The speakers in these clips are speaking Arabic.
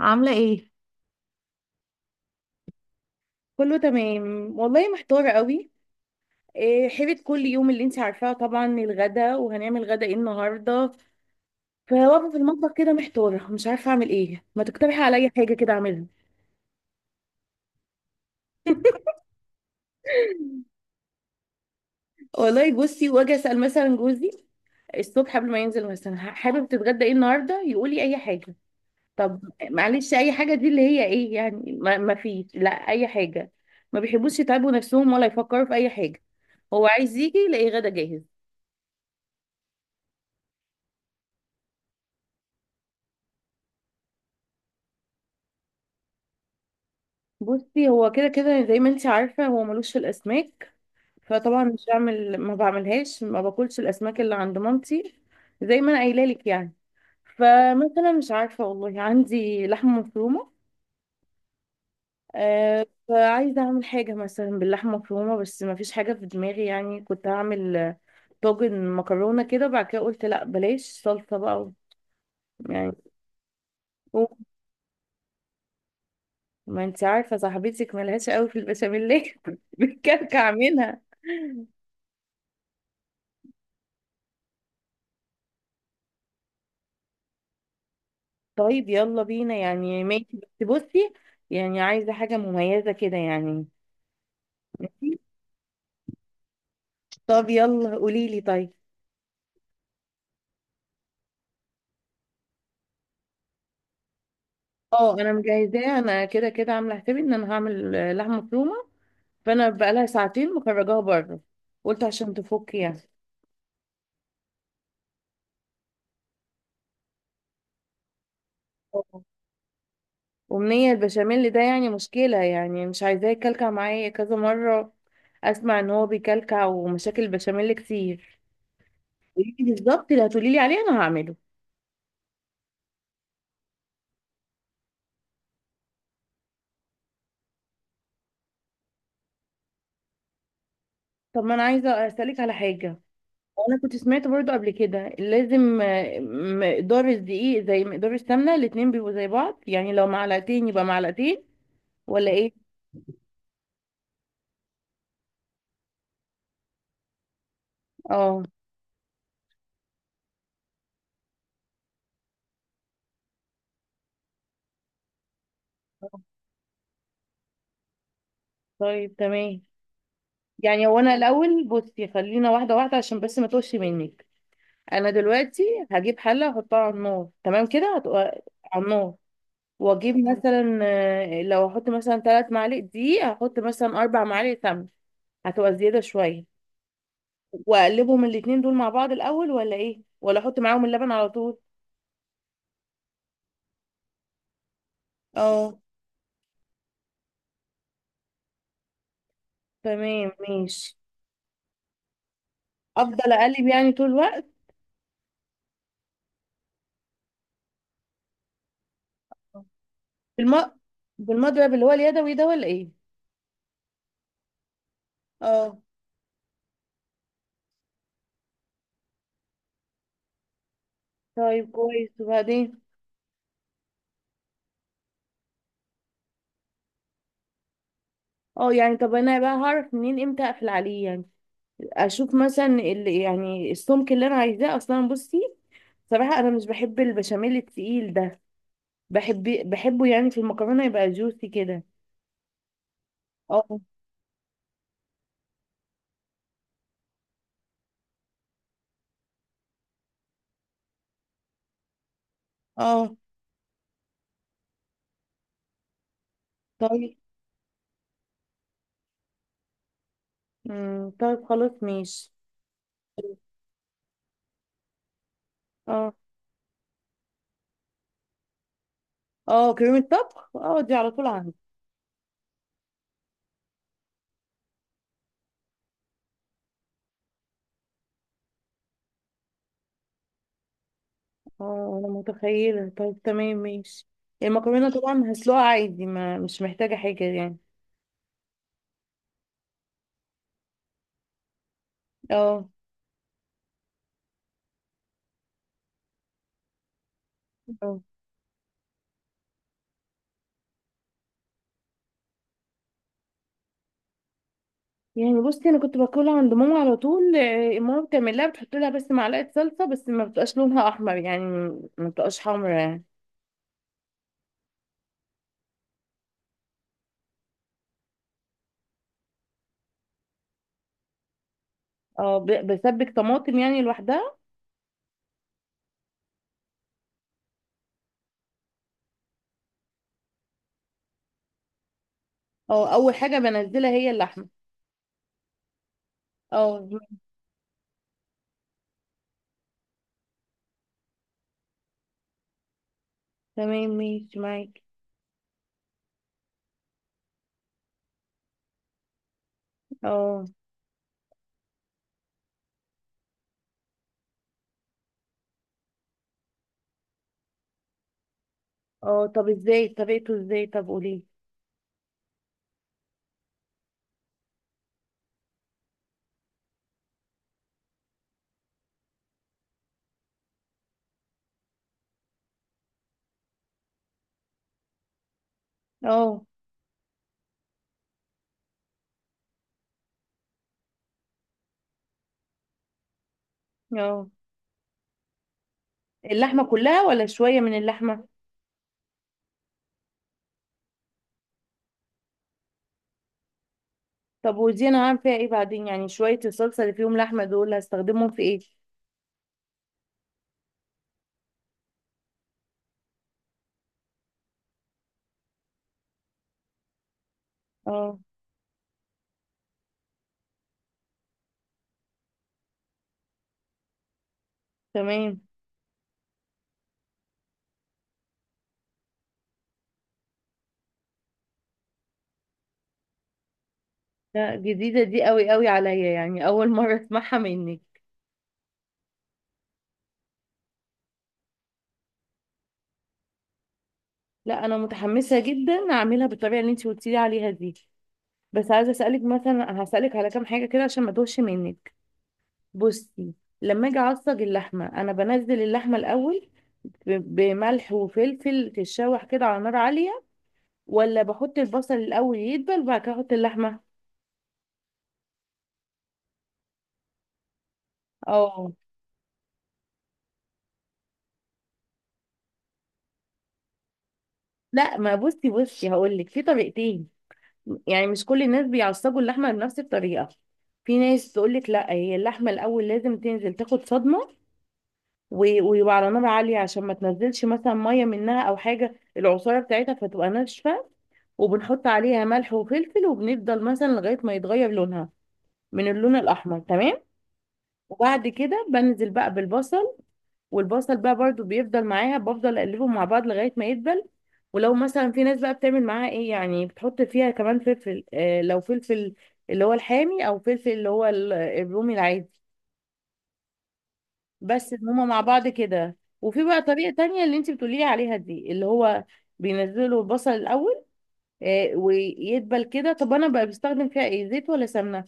عاملة ايه؟ كله تمام والله، محتارة قوي. إيه، حيرة كل يوم اللي انت عارفاه. طبعا الغدا، وهنعمل غدا ايه النهاردة؟ فواقفة في المطبخ كده محتارة، مش عارفة اعمل ايه. ما تقترحي عليا حاجة كده اعملها. والله بصي، واجي اسأل مثلا جوزي الصبح قبل ما ينزل مثلا، حابب تتغدى ايه النهاردة؟ يقول لي اي حاجة. طب معلش، اي حاجة دي اللي هي ايه يعني؟ ما فيش لا اي حاجة. ما بيحبوش يتعبوا نفسهم ولا يفكروا في اي حاجة. هو عايز يجي يلاقي غدا جاهز. بصي، هو كده كده زي ما انت عارفة، هو ملوش في الأسماك، فطبعا مش بعمل، ما بعملهاش، ما باكلش الأسماك اللي عند مامتي. زي ما أنا قايلة لك يعني. فمثلا مش عارفة والله، عندي لحمة مفرومة، آه، فعايزة أعمل حاجة مثلا باللحمة المفرومة، بس ما فيش حاجة في دماغي يعني. كنت هعمل طاجن مكرونة كده، بعد كده قلت لا بلاش صلصة بقى يعني. ما انت عارفة صاحبتك ملهاش قوي في البشاميل، بتكلكع منها. طيب، يلا بينا يعني، ماشي، بس بصي، يعني عايزة حاجة مميزة كده يعني. طب يلا قوليلي طيب. اه انا مجهزاه، انا كده كده عامله حسابي ان انا هعمل لحمه مفرومه، فانا بقالها ساعتين مخرجاها بره، قلت عشان تفك يعني. أوه. امنيه، البشاميل ده يعني مشكله، يعني مش عايزاه يكلكع معايا كذا مره. اسمع ان هو بيكلكع، ومشاكل البشاميل كتير. قوليلي بالظبط اللي هتقوليلي عليه انا هعمله. طب ما انا عايزه اسالك على حاجه، وانا كنت سمعت برضو قبل كده، لازم مقدار الدقيق زي مقدار السمنه، الاتنين بيبقوا زي بعض يعني، لو معلقتين يبقى معلقتين، ولا ايه؟ اه. طيب تمام. يعني هو انا الاول بصي، خلينا واحده واحده عشان بس ما تقولش منك. انا دلوقتي هجيب حله احطها على النار، تمام كده، هتبقى على النار، واجيب تمام. مثلا لو احط مثلا ثلاث معالق دقيق، هحط مثلا اربع معالق سمنه، هتبقى زياده شويه. واقلبهم الاتنين دول مع بعض الاول ولا ايه؟ ولا احط معاهم اللبن على طول؟ اه. تمام ماشي. افضل اقلب يعني طول الوقت؟ بالم... بالمضرب اللي هو اليدوي ده، ولا ايه؟ اه. طيب كويس، وبعدين؟ اه يعني طب انا بقى هعرف منين امتى اقفل عليه يعني؟ اشوف مثلا اللي يعني السمك اللي انا عايزاه اصلا. بصي، صراحة انا مش بحب البشاميل التقيل ده، بحب، بحبه يعني في المكرونة يبقى جوسي كده. اه. اه. طيب. امم، طيب خلاص ماشي. اه. اه كريمة طبخ، اه دي على طول عندي. اه انا متخيلة، طيب تمام ماشي. المكرونة طبعا هسلقها عادي، ما مش محتاجة حاجة يعني. اه. اه يعني بصي، انا كنت باكلها عند ماما على طول، ماما بتعملها بتحط لها بس معلقة صلصة، بس ما بتبقاش لونها احمر يعني، ما بتبقاش حمرا يعني. اه، بسبك طماطم يعني لوحدها؟ اه، اول حاجة بنزلها هي اللحمة. اه. تمام ماشي معاكي. اه. اه طب ازاي طريقته ازاي؟ طب قولي. اه. اه، اللحمة كلها ولا شوية من اللحمة؟ طب ودي انا هعمل فيها ايه بعدين يعني؟ شوية الصلصة اللي فيهم لحمة دول هستخدمهم في ايه؟ اه. تمام. لا، جديدة دي قوي قوي عليا يعني، اول مرة اسمعها منك. لا انا متحمسة جدا اعملها بالطريقة اللي انت قلتي لي عليها دي. بس عايزة اسألك مثلا، هسألك على كام حاجة كده عشان ما توهش منك. بصي، لما اجي اعصج اللحمة، انا بنزل اللحمة الاول ب- بملح وفلفل تتشوح كده على نار عالية، ولا بحط البصل الاول يدبل وبعد كده احط اللحمة؟ اه. لا ما بصي بصي، هقول لك في طريقتين، يعني مش كل الناس بيعصجوا اللحمه بنفس الطريقه. في ناس تقول لك لا، هي اللحمه الاول لازم تنزل تاخد صدمه، ويبقى على نار عاليه عشان ما تنزلش مثلا ميه منها او حاجه، العصاره بتاعتها، فتبقى ناشفه. وبنحط عليها ملح وفلفل، وبنفضل مثلا لغايه ما يتغير لونها من اللون الاحمر، تمام. وبعد كده بنزل بقى بالبصل، والبصل بقى برضو بيفضل معاها، بفضل اقلبهم مع بعض لغايه ما يدبل. ولو مثلا في ناس بقى بتعمل معاها ايه يعني، بتحط فيها كمان فلفل، آه لو فلفل اللي هو الحامي، او فلفل اللي هو الرومي العادي، بس إن هما مع بعض كده. وفي بقى طريقه تانية اللي انت بتقولي لي عليها دي، اللي هو بينزلوا البصل الاول، آه ويدبل كده. طب انا بقى بستخدم فيها ايه، زيت ولا سمنه؟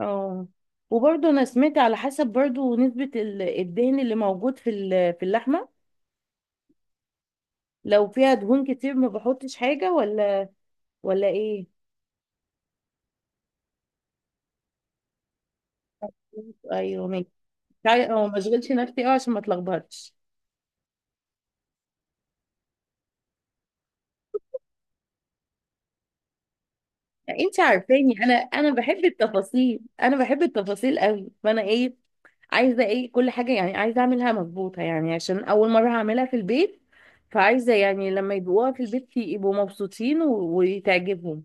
اه. وبرضه انا سمعت على حسب برضه نسبه الدهن اللي موجود في في اللحمه، لو فيها دهون كتير ما بحطش حاجة، ولا ولا ايه؟ ايوه ماشي. اه ما اشغلش نفسي، اه عشان ما اتلخبطش. انت عارفاني انا بحب التفاصيل، انا بحب التفاصيل قوي، فانا ايه، عايزه ايه كل حاجه يعني، عايزه اعملها مظبوطه يعني، عشان اول مره هعملها في البيت. فعايزه يعني لما يدوقوها في البيت يبقوا مبسوطين، وتعجبهم.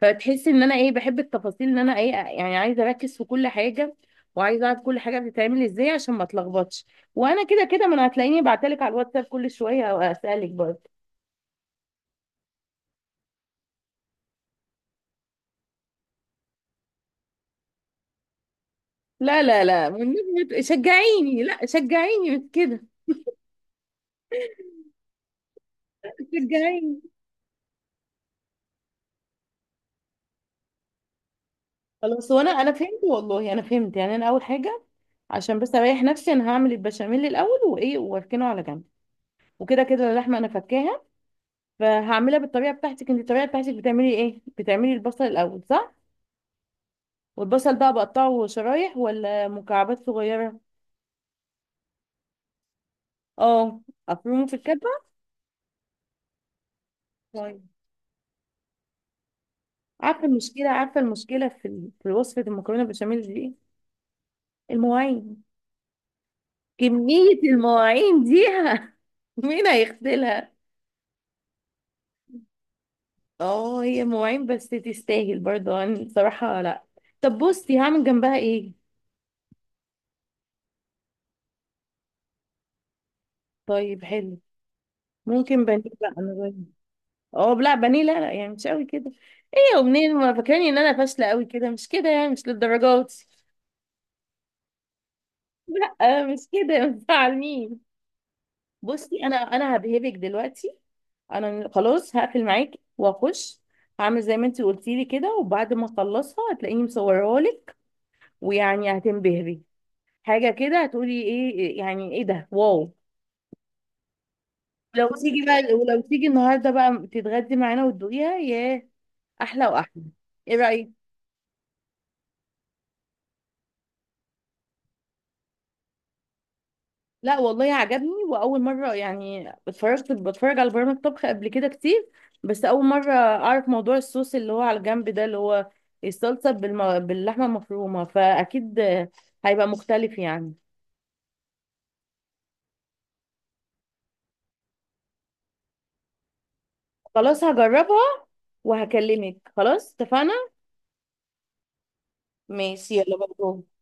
فتحسي ان انا ايه، بحب التفاصيل، ان انا ايه يعني عايزه اركز في كل حاجه، وعايزه اعرف كل حاجه بتتعمل ازاي عشان ما اتلخبطش. وانا كده كده، ما أنا هتلاقيني بعتلك على الواتساب كل شويه، او اسالك برضه. لا لا لا، والنبي، ما ت- شجعيني، لا شجعيني، مش كده. شجعيني. خلاص، وانا فهمت والله، انا فهمت يعني. انا اول حاجه، عشان بس اريح نفسي، انا هعمل البشاميل الاول، وايه، واركنه على جنب، وكده كده اللحمه انا فكاها، فهعملها بالطريقه بتاعتك. انت الطريقه بتاعتك بتعملي ايه؟ بتعملي البصل الاول، صح؟ والبصل بقى بقطعه شرايح ولا مكعبات صغيرة؟ اه، افرمه في الكبة. طيب. عارفة المشكلة، عارفة المشكلة في في وصفة المكرونة بشاميل دي إيه؟ المواعين، كمية المواعين دي، مين هيغسلها؟ اه، هي مواعين بس تستاهل برضه يعني، بصراحة، لا. طب بصي، هعمل جنبها ايه؟ طيب حلو. ممكن بانيه بقى، اه لا بانيه لا لا، يعني مش قوي كده. ايه يا منين، ما فاكراني ان انا فاشلة قوي كده، مش كده يعني، مش للدرجات. لا مش كده، ما تزعلنيش. بصي، انا هبهبك دلوقتي، انا خلاص هقفل معاكي واخش، هعمل زي ما انت قلتي لي كده، وبعد ما اخلصها هتلاقيني مصوراها لك، ويعني هتنبهري. حاجه كده، هتقولي ايه، يعني ايه ده، واو. لو تيجي بقى، ولو تيجي النهارده بقى تتغدي معانا وتدوقيها، ياه، احلى واحلى. ايه رايك؟ لا والله عجبني. واول مره يعني، اتفرجت، بتفرج على برامج طبخ قبل كده كتير، بس اول مره اعرف موضوع الصوص اللي هو على الجنب ده، اللي هو الصلصه باللحمه المفرومه، فاكيد هيبقى مختلف يعني. خلاص هجربها، وهكلمك. خلاص، اتفقنا. ماشي، يلا باي باي.